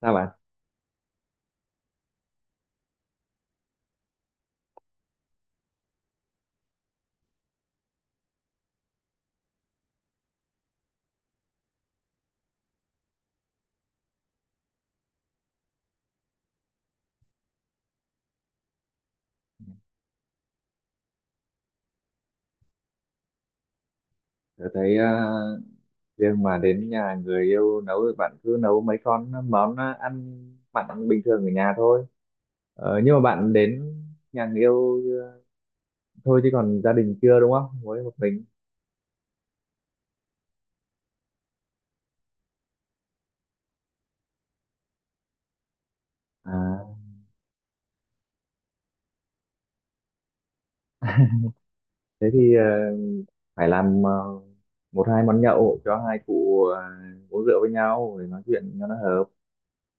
Sao bạn? Tôi thấy riêng mà đến nhà người yêu nấu thì bạn cứ nấu mấy con món ăn mặn bình thường ở nhà thôi. Nhưng mà bạn đến nhà người yêu thôi, chứ còn gia đình chưa, đúng không? Mới một mình. À, thế thì phải làm một hai món nhậu cho hai cụ uống rượu với nhau để nói chuyện cho nó hợp.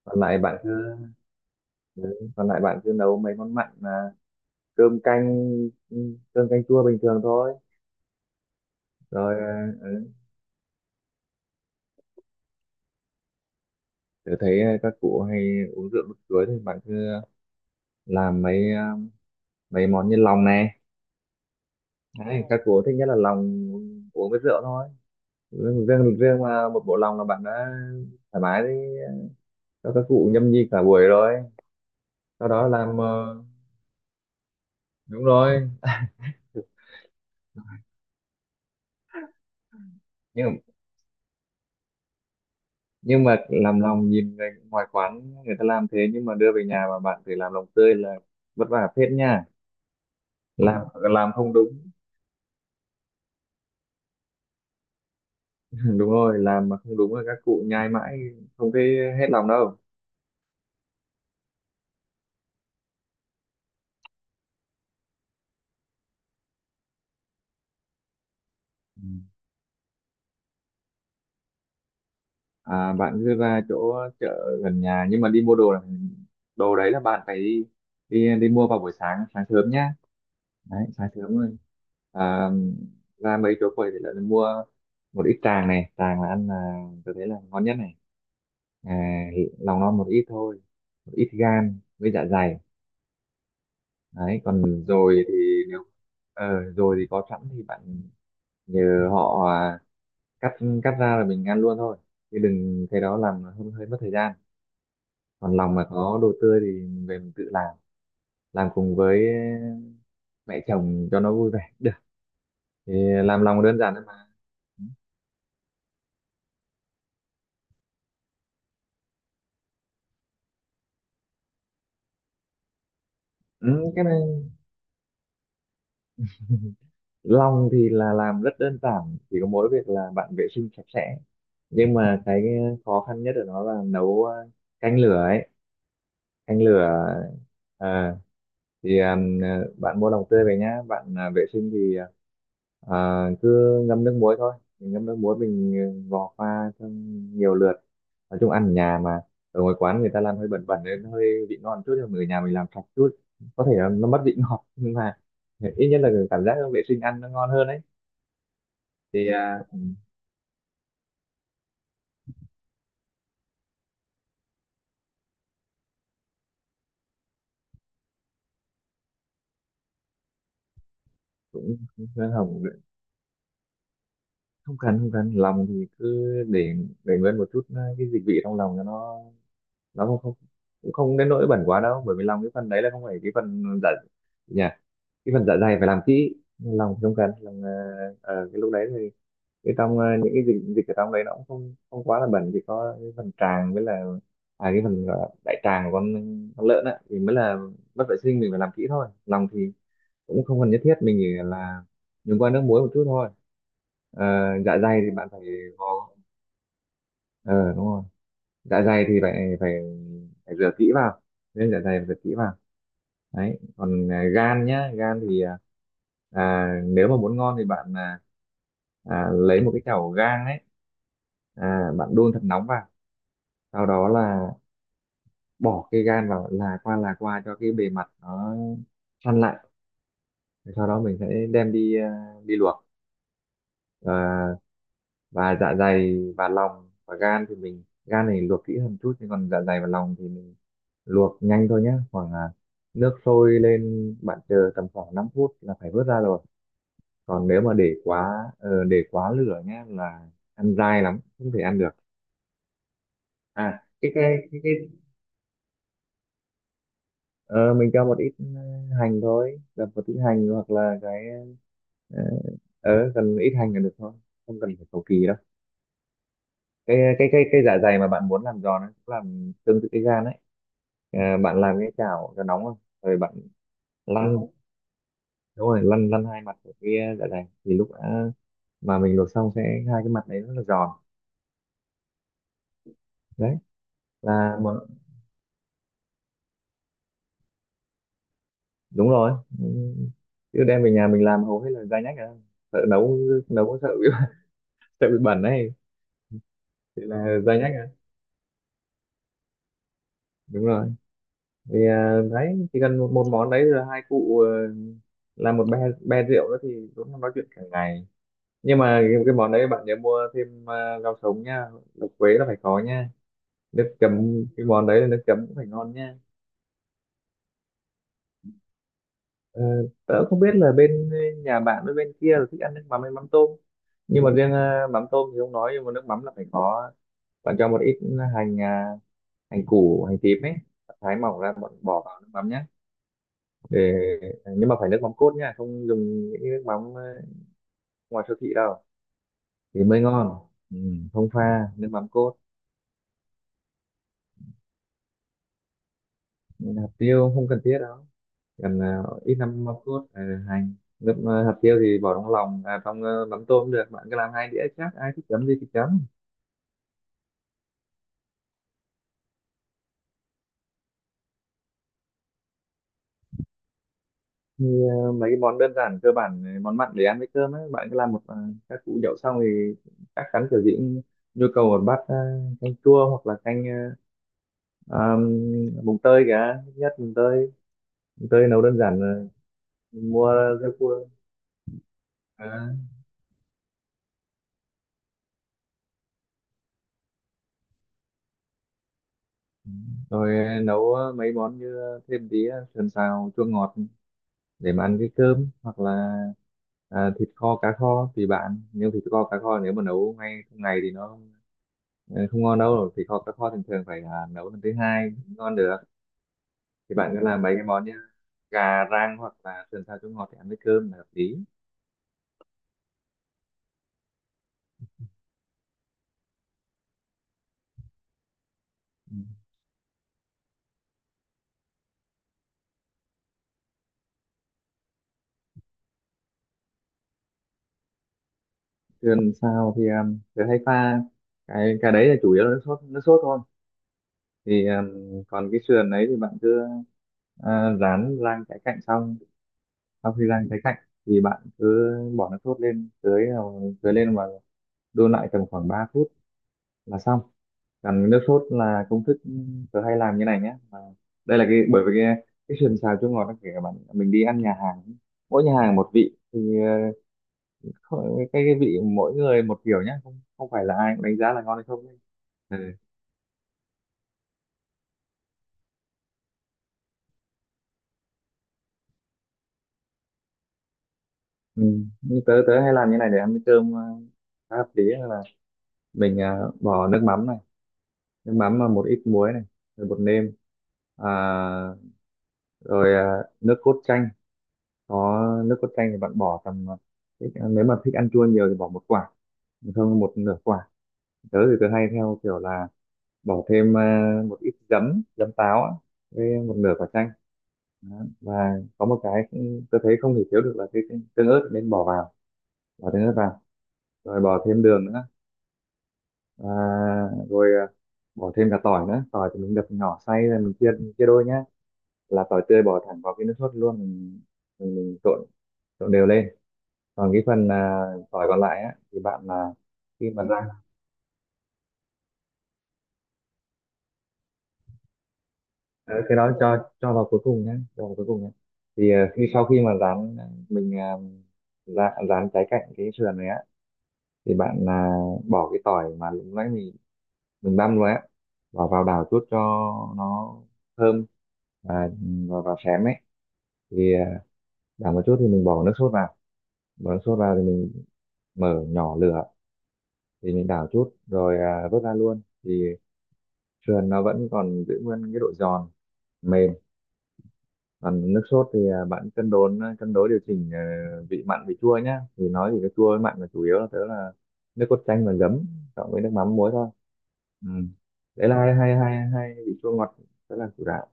Còn lại bạn cứ ừ, Còn lại bạn cứ nấu mấy món mặn là cơm canh ừ, cơm canh chua bình thường thôi. Rồi, ờ, tớ thấy các cụ hay uống rượu lúc cưới thì bạn cứ làm mấy món như lòng này. Đấy, các cụ thích nhất là lòng, uống với rượu thôi. Riêng riêng riêng mà một bộ lòng là bạn đã thoải mái đi, cho các cụ nhâm nhi cả buổi rồi. Sau đó làm đúng rồi. Nhưng nhưng mà làm lòng, nhìn người ngoài quán người ta làm thế, nhưng mà đưa về nhà mà bạn phải làm lòng tươi là vất vả phết nha. Làm không đúng. Đúng rồi, làm mà không đúng là các cụ nhai mãi không thấy hết lòng đâu. À, bạn cứ ra chỗ chợ gần nhà, nhưng mà đi mua đồ là, đồ đấy là bạn phải đi, đi mua vào buổi sáng sáng sớm nhá. Đấy, sáng sớm rồi, à, ra mấy chỗ quầy thì lại mua một ít tràng này. Tràng là ăn, là tôi thấy là ngon nhất này. À, lòng non một ít thôi, một ít gan với dạ dày. Đấy, còn dồi thì, nếu dồi thì có sẵn thì bạn nhờ họ, à, cắt cắt ra là mình ăn luôn thôi, chứ đừng, cái đó làm hơi mất thời gian. Còn lòng mà có đồ tươi thì mình về mình tự làm cùng với mẹ chồng cho nó vui vẻ được thì, làm lòng đơn giản thôi mà. Ừ, cái này, lòng thì là làm rất đơn giản, chỉ có mỗi việc là bạn vệ sinh sạch sẽ. Nhưng mà cái khó khăn nhất ở nó là nấu, canh lửa ấy. Canh lửa, ờ, thì à, bạn mua lòng tươi về nhá, bạn à, vệ sinh thì à, cứ ngâm nước muối thôi. Mình ngâm nước muối mình vò qua trong nhiều lượt. Nói chung ăn ở nhà mà, ở ngoài quán người ta làm hơi bẩn bẩn nên nó hơi vị ngon chút, nhưng mà ở nhà mình làm sạch chút có thể là nó mất vị ngọt, nhưng mà ít nhất là cảm giác vệ sinh ăn nó ngon hơn đấy. Thì à, cũng cũng không không cần không cần. Lòng thì cứ để nguyên một chút, cái dịch vị trong lòng cho nó không, không cũng không đến nỗi bẩn quá đâu, bởi vì lòng, cái phần đấy là không phải cái phần dạ nhỉ. Cái phần dạ dày phải làm kỹ, lòng không cần. Cái lúc đấy thì những cái dịch dịch ở trong đấy nó cũng không không quá là bẩn. Chỉ có cái phần tràng với là, à, cái phần gọi là đại tràng của con lợn á thì mới là mất vệ sinh, mình phải làm kỹ thôi. Lòng thì cũng không cần nhất thiết, mình chỉ là dùng qua nước muối một chút thôi. Ờ, dạ dày thì bạn phải vò. Ờ Đúng rồi, dạ dày thì phải phải phải rửa kỹ vào, nên dạ dày phải rửa kỹ vào. Đấy, còn à, gan nhá. Gan thì nếu mà muốn ngon thì bạn, lấy một cái chảo gang ấy, à, bạn đun thật nóng vào, sau đó là bỏ cái gan vào, là qua, là qua cho cái bề mặt nó săn lại. Sau đó mình sẽ đem đi, à, đi luộc. À, và dạ dày và lòng và gan thì mình, gan này luộc kỹ hơn chút, nhưng còn dạ dày và lòng thì mình luộc nhanh thôi nhé, khoảng là nước sôi lên bạn chờ tầm khoảng 5 phút là phải vớt ra rồi. Còn nếu mà để quá, để quá lửa nhé là ăn dai lắm không thể ăn được. À, cái, cái ờ, mình cho một ít, hành thôi, đập một ít hành, hoặc là ờ, cần ít hành là được thôi, không cần phải cầu kỳ đâu. Cái dạ dày mà bạn muốn làm giòn ấy cũng làm tương tự cái gan ấy. À, bạn làm cái chảo cho nóng không rồi bạn lăn. Đúng rồi, lăn lăn hai mặt của cái, dạ dày thì lúc đã, mà mình luộc xong sẽ, hai cái mặt đấy rất là giòn. Đấy là một, đúng rồi. Ừ, chứ đem về nhà mình làm hầu hết là dai nhách à. Sợ nấu, nấu có sợ bị, sợ bị bẩn đấy, thì là dai nhách à, đúng rồi. Thì à, đấy chỉ cần một món đấy, rồi hai cụ làm một be rượu đó thì cũng nói chuyện cả ngày. Nhưng mà cái món đấy bạn nhớ mua thêm, à, rau sống nha, lục quế là phải có nha. Nước chấm cái món đấy là, nước chấm cũng phải ngon nha. ờ, Tớ không biết là bên nhà bạn với bên kia là thích ăn nước mắm hay mắm tôm, nhưng mà riêng mắm tôm thì không nói, nhưng mà nước mắm là phải có. Bạn cho một ít hành, à, hành củ, hành tím ấy thái mỏng ra, bạn bỏ vào nước mắm nhé. Để, nhưng mà phải nước mắm cốt nha, không dùng những cái nước mắm ngoài siêu thị đâu, thì mới ngon. Ừ, Không, pha nước mắm cốt. Hạt tiêu không cần thiết đâu. Gần, ít năm mâm cốt, hành, nước, hạt tiêu thì bỏ trong lòng, à, trong mắm tôm cũng được. Bạn cứ làm hai đĩa, chắc ai thích chấm gì thì chấm. Thì mấy cái món đơn giản cơ bản, món mặn để ăn với cơm ấy, bạn cứ làm một, các củ nhậu xong thì chắc chắn kiểu gì cũng nhu cầu một bát, canh chua hoặc là canh ờ, mùng tơi cả. Ít nhất mùng tơi, mùng tơi nấu đơn giản, mua rau cua. Ờ, rồi nấu mấy món như thêm tí, sườn xào chua ngọt để mà ăn cái cơm, hoặc là à, thịt kho cá kho tùy bạn. Nhưng thịt kho cá kho nếu mà nấu ngay trong ngày thì nó, không ngon đâu. Thịt kho cá kho thường thường phải là nấu lần thứ hai mới ngon được. Thì bạn cứ làm mấy cái món như gà rang hoặc là sườn xào chua ngọt để ăn với cơm là hợp lý. Ừ. Sườn xào thì thường hay pha, cái đấy là chủ yếu là nước sốt, nước sốt thôi. Thì còn cái sườn đấy thì bạn cứ, à, rán rang trái cạnh xong. Sau khi rang trái cạnh thì bạn cứ bỏ nước sốt lên, tưới lên và đun lại tầm khoảng 3 phút là xong. Còn nước sốt là công thức tớ hay làm như này nhé, mà đây là cái, bởi vì cái sườn xào chua ngọt nó, kể cả bạn mình đi ăn nhà hàng, mỗi nhà hàng một vị thì, cái vị mỗi người một kiểu nhé, không không phải là ai cũng đánh giá là ngon hay không đấy. Ừ. Ừ. Như tớ tớ hay làm như này để ăn với cơm, khá hợp lý là mình, bỏ nước mắm này, nước mắm và một ít muối này, rồi bột nêm, à, rồi à, nước cốt chanh. Có, nước cốt chanh thì bạn bỏ tầm, nếu mà thích ăn chua nhiều thì bỏ một quả, không, một nửa quả. Tớ thì tớ hay theo kiểu là bỏ thêm, à, một ít giấm, giấm táo á, với một nửa quả chanh. Đó. Và có một cái cũng, tớ thấy không thể thiếu được là cái tương ớt, nên bỏ vào, bỏ tương ớt vào, rồi bỏ thêm đường nữa. Và rồi, à, bỏ thêm cả tỏi nữa. Tỏi thì mình đập nhỏ xay rồi mình chia, chia đôi nhá. Là tỏi tươi bỏ thẳng vào cái nước sốt luôn. Mình trộn trộn đều lên. Còn cái phần, à, tỏi còn lại á thì bạn là khi mà rang, ờ, cái đó cho vào cuối cùng nhé, cho vào cuối cùng nhé. Thì à, khi, sau khi mà rán mình, à, rán trái cạnh cái sườn này á thì bạn, à, bỏ cái tỏi mà lúc nãy mình băm rồi á, bỏ vào đảo chút cho nó thơm, và, và xém ấy. Thì à, đảo một chút thì mình bỏ nước sốt vào, bỏ nước sốt vào thì mình mở nhỏ lửa, thì mình đảo chút rồi, à, vớt ra luôn, thì sườn nó vẫn còn giữ nguyên cái độ giòn mềm. Còn nước sốt thì à, bạn cân đối, à, cân đối điều chỉnh, vị mặn vị chua nhá, thì nói thì cái chua với mặn là chủ yếu, là tớ là nước cốt chanh và giấm, cộng với nước mắm muối thôi. Ừ. Đấy là hai hai hai hai vị chua ngọt, đó là chủ đạo.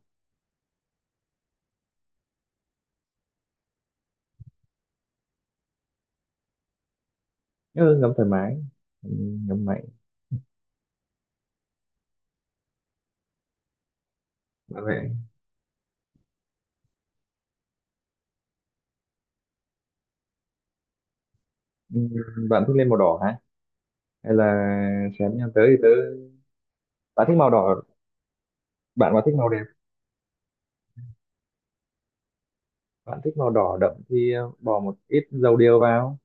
Ừ, ngấm thoải mái. Ừ, ngấm mạnh. Bạn vậy. Ừ, bạn thích lên màu đỏ hả, hay là xém nhau tới thì tớ, bạn thích màu đỏ, bạn mà thích màu đẹp, bạn thích màu đỏ đậm thì, bỏ một ít dầu điều vào.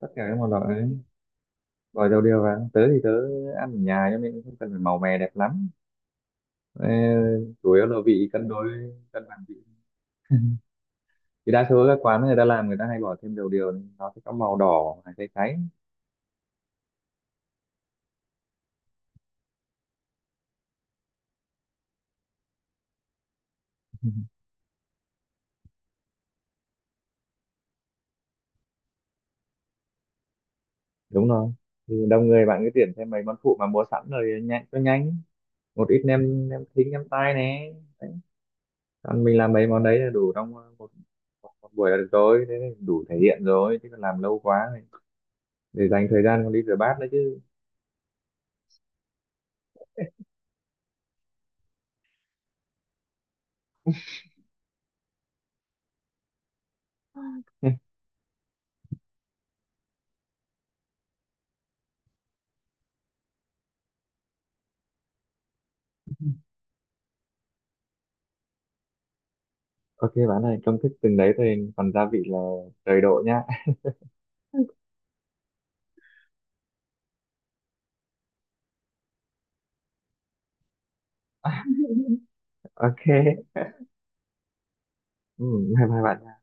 Tất cả các màu đỏ ấy rồi đâu đều vào. Tớ thì tớ ăn ở nhà cho nên không cần phải màu mè đẹp lắm. Ờ, chủ yếu là vị cân đối, cân bằng vị. Thì đa số các quán người ta làm, người ta hay bỏ thêm đầu điều nên nó sẽ có màu đỏ hay cháy cháy. Đúng rồi. Thì đông người bạn cứ tuyển thêm mấy món phụ mà mua sẵn rồi, nhanh cho nhanh, một ít nem, nem thính, nem tai nè. Đấy. Còn mình làm mấy món đấy là đủ trong, một buổi là được rồi, thế là đủ thể hiện rồi, chứ còn làm lâu quá thì để dành thời gian còn đi rửa bát nữa chứ. Ok bạn ơi, công thức từng đấy thôi, còn gia vị là trời độ nhá. Ok, ừ, hai hai bạn.